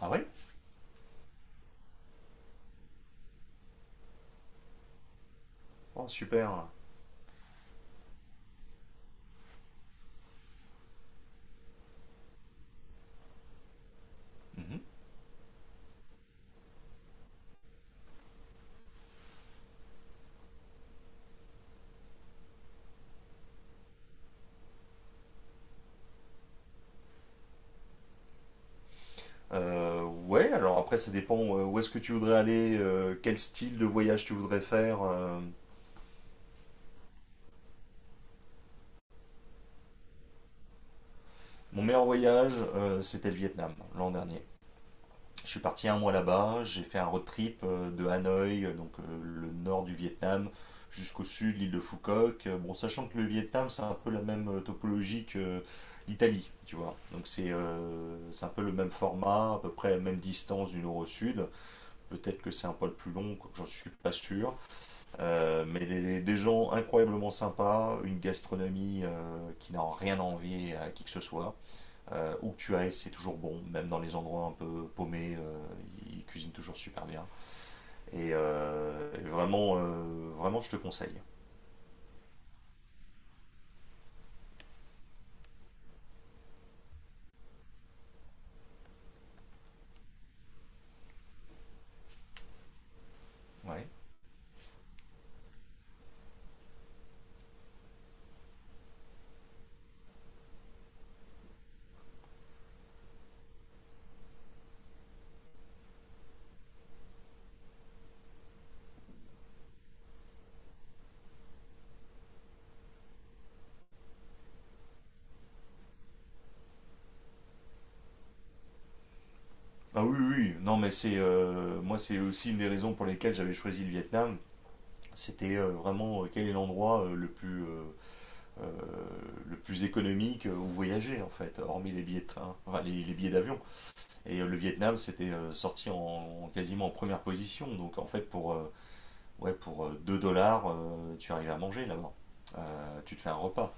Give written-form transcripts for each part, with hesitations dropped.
Ah ouais. Oh, super. Mhm. Ouais, alors après, ça dépend où est-ce que tu voudrais aller, quel style de voyage tu voudrais faire. Mon meilleur voyage, c'était le Vietnam, l'an dernier. Je suis parti un mois là-bas, j'ai fait un road trip de Hanoï, le nord du Vietnam, jusqu'au sud, l'île de Phu Quoc. Bon, sachant que le Vietnam, c'est un peu la même topologie que l'Italie, tu vois. Donc c'est un peu le même format, à peu près la même distance du nord au sud. Peut-être que c'est un poil plus long, j'en suis pas sûr. Mais des gens incroyablement sympas, une gastronomie qui n'a rien à envier à qui que ce soit. Où que tu ailles, c'est toujours bon, même dans les endroits un peu paumés, ils cuisinent toujours super bien. Et vraiment, je te conseille. Ouais. Ah oui, oui, oui. Non, mais c'est moi, c'est aussi une des raisons pour lesquelles j'avais choisi le Vietnam. C'était vraiment quel est l'endroit euh, le plus économique où voyager en fait, hormis les billets de train, enfin les billets d'avion. Et le Vietnam c'était sorti quasiment en première position, donc en fait pour 2 dollars tu arrives à manger là-bas. Tu te fais un repas.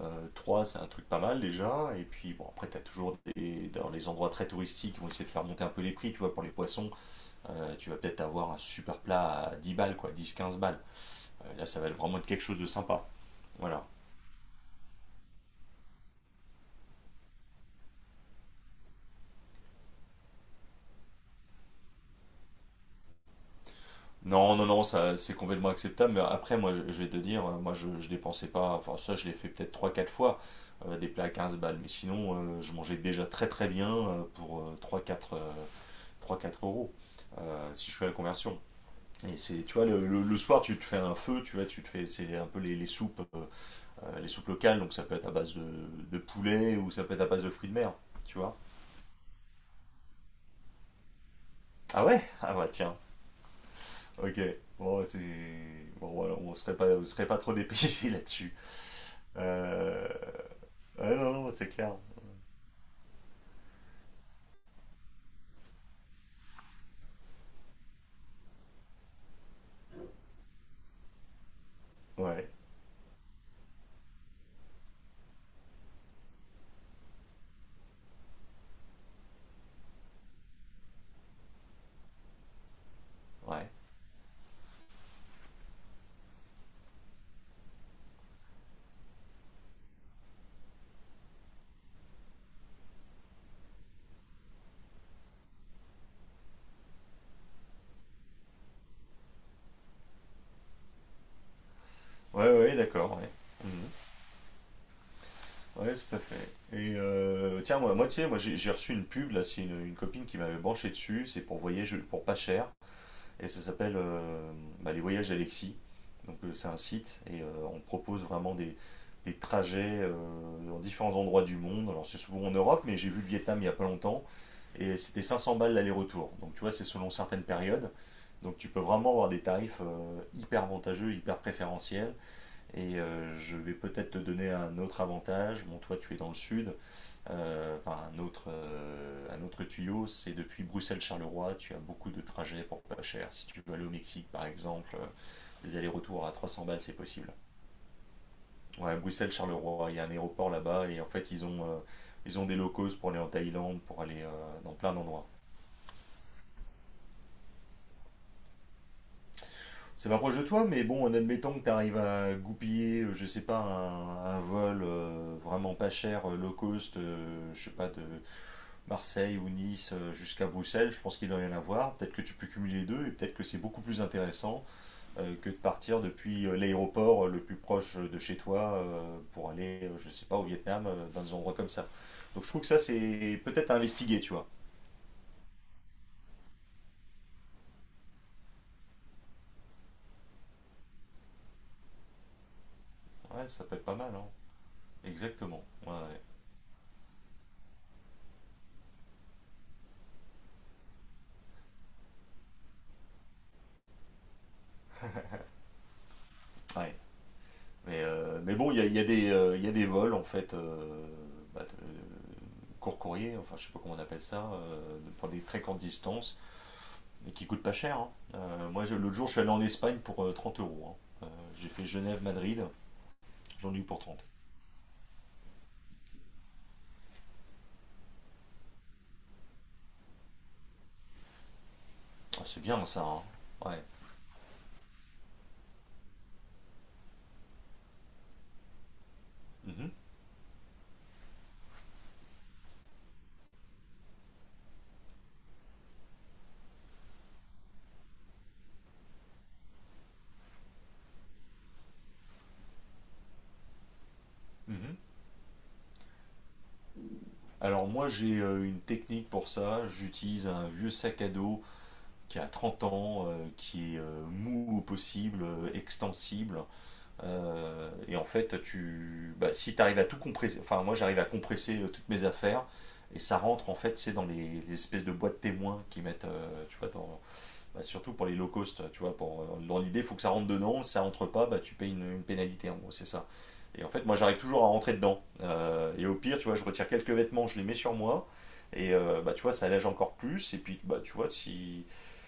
Trois c'est un truc pas mal déjà, et puis bon après tu as toujours des, dans les endroits très touristiques ils vont essayer de faire monter un peu les prix, tu vois pour les poissons, tu vas peut-être avoir un super plat à 10 balles quoi, 10-15 balles. Là ça va vraiment être quelque chose de sympa. Voilà. Non, non, non, ça c'est complètement acceptable. Mais après, moi, je vais te dire, moi, je dépensais pas. Enfin, ça, je l'ai fait peut-être 3-4 fois, des plats à 15 balles. Mais sinon, je mangeais déjà très très bien pour 3-4 euros, si je fais la conversion. Et c'est, tu vois, le soir, tu te fais un feu, tu vois, tu te fais, c'est un peu les soupes, les soupes locales. Donc, ça peut être à base de poulet ou ça peut être à base de fruits de mer, tu vois. Ah ouais? Ah bah tiens, ok. Bon, c'est. Bon, voilà, on serait pas trop dépaysé là-dessus. Euh... Ouais, non, non, c'est clair. Ouais, ouais. Ouais, ouais, d'accord, ouais. Mhm. Ouais, tout à fait. Et tiens, moi, tu sais, moi, j'ai reçu une pub, là, c'est une copine qui m'avait branché dessus, c'est pour voyage, pour pas cher, et ça s'appelle Les Voyages d'Alexis. Donc, c'est un site, et on propose vraiment des trajets dans différents endroits du monde. Alors, c'est souvent en Europe, mais j'ai vu le Vietnam il y a pas longtemps, et c'était 500 balles l'aller-retour. Donc, tu vois, c'est selon certaines périodes. Donc tu peux vraiment avoir des tarifs hyper avantageux, hyper préférentiels. Et je vais peut-être te donner un autre avantage. Bon, toi tu es dans le sud. Enfin, un autre tuyau, c'est depuis Bruxelles-Charleroi, tu as beaucoup de trajets pour pas cher. Si tu veux aller au Mexique par exemple, des allers-retours à 300 balles, c'est possible. Ouais, Bruxelles-Charleroi, il y a un aéroport là-bas et en fait ils ont des locaux pour aller en Thaïlande, pour aller dans plein d'endroits. C'est pas proche de toi, mais bon, en admettant que tu arrives à goupiller, je sais pas, un vol vraiment pas cher, low cost, je sais pas, de Marseille ou Nice jusqu'à Bruxelles, je pense qu'il doit y en avoir. Peut-être que tu peux cumuler les deux et peut-être que c'est beaucoup plus intéressant que de partir depuis l'aéroport le plus proche de chez toi pour aller, je sais pas, au Vietnam, dans des endroits comme ça. Donc je trouve que ça, c'est peut-être à investiguer, tu vois. Ouais, ça peut être pas mal, hein. Exactement. Ouais, ouais. Ouais. Mais bon, il y a des vols, en fait, court courrier, enfin, je sais pas comment on appelle ça, pour des très courtes distances, et qui coûtent pas cher. Hein. Moi, l'autre jour, je suis allé en Espagne pour 30 euros. Hein. J'ai fait Genève-Madrid, j'en ai eu pour trente. Ah, c'est bien, ça, hein. Ouais. Mhm, mhm. Alors, moi, j'ai une technique pour ça. J'utilise un vieux sac à dos qui a 30 ans, qui est mou au possible, extensible. Et en fait, si tu arrives à tout compresser, enfin moi j'arrive à compresser toutes mes affaires, et ça rentre en fait, c'est dans les espèces de boîtes témoins qui mettent, tu vois, dans, bah, surtout pour les low cost, tu vois, pour, dans l'idée, il faut que ça rentre dedans, si ça rentre pas, bah, tu payes une pénalité, en gros, c'est ça. Et en fait, moi, j'arrive toujours à rentrer dedans. Et au pire, tu vois, je retire quelques vêtements, je les mets sur moi, et tu vois, ça allège encore plus, et puis, bah, tu vois, si,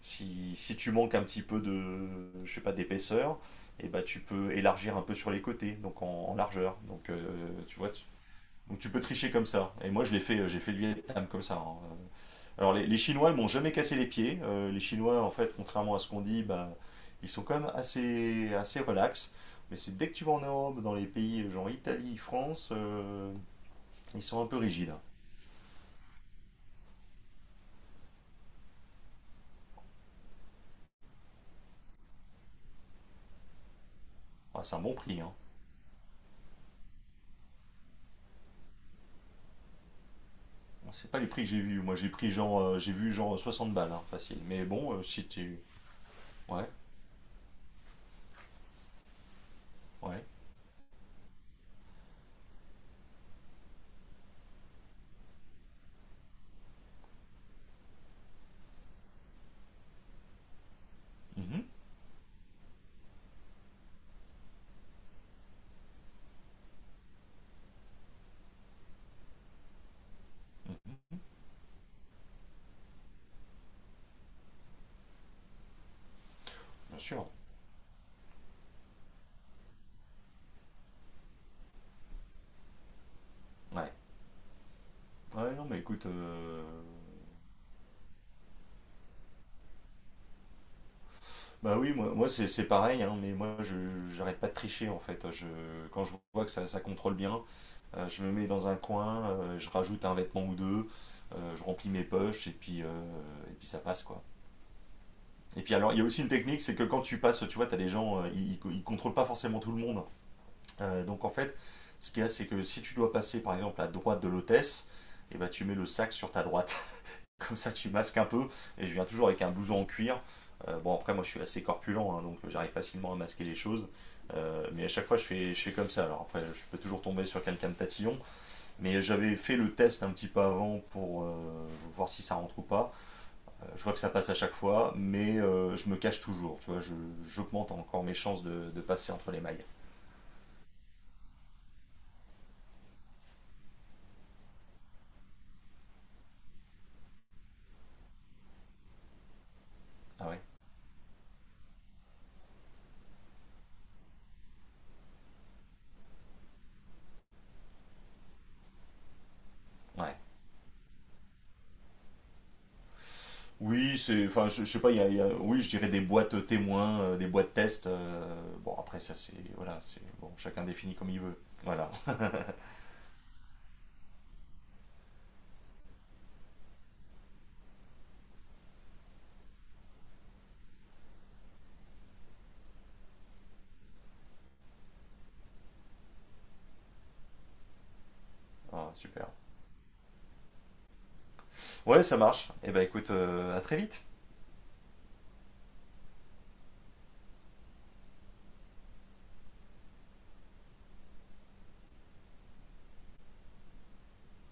si, si tu manques un petit peu de, je sais pas, d'épaisseur, et bah, tu peux élargir un peu sur les côtés, donc en largeur. Donc, tu vois, donc tu peux tricher comme ça. Et moi, j'ai fait le Vietnam comme ça. Hein. Alors les Chinois ils m'ont jamais cassé les pieds. Les Chinois en fait, contrairement à ce qu'on dit, bah, ils sont quand même assez relax. Mais c'est dès que tu vas en Europe, dans les pays genre Italie, France, ils sont un peu rigides. Hein. Ah, c'est un bon prix, hein. Bon, c'est pas les prix que j'ai vus. Moi j'ai vu genre 60 balles, hein, facile. Mais bon, si tu... Ouais, ouais. Mhm, mhm, bien sûr. Ouais. Ouais, non mais écoute... Bah oui, moi c'est pareil, hein, mais moi je j'arrête pas de tricher en fait. Quand je vois que ça contrôle bien, je me mets dans un coin, je rajoute un vêtement ou deux, je remplis mes poches et puis ça passe quoi. Et puis alors il y a aussi une technique, c'est que quand tu passes, tu vois, tu as des gens, ne contrôlent pas forcément tout le monde. Donc en fait, ce qu'il y a, c'est que si tu dois passer par exemple à droite de l'hôtesse, et ben, tu mets le sac sur ta droite. Comme ça tu masques un peu et je viens toujours avec un blouson en cuir. Bon après moi je suis assez corpulent, hein, donc j'arrive facilement à masquer les choses. Mais à chaque fois je fais comme ça. Alors après je peux toujours tomber sur quelqu'un de tatillon. Mais j'avais fait le test un petit peu avant pour voir si ça rentre ou pas. Je vois que ça passe à chaque fois, mais je me cache toujours. Tu vois, j'augmente encore mes chances de passer entre les mailles. Ah ouais. Ouais. Oui, c'est, enfin, je sais pas, oui, je dirais des boîtes témoins, des boîtes tests. Bon, après, ça, c'est, voilà, c'est, bon, chacun définit comme il veut. Voilà. Ah, super. Ouais, ça marche. Eh ben, écoute, à très vite.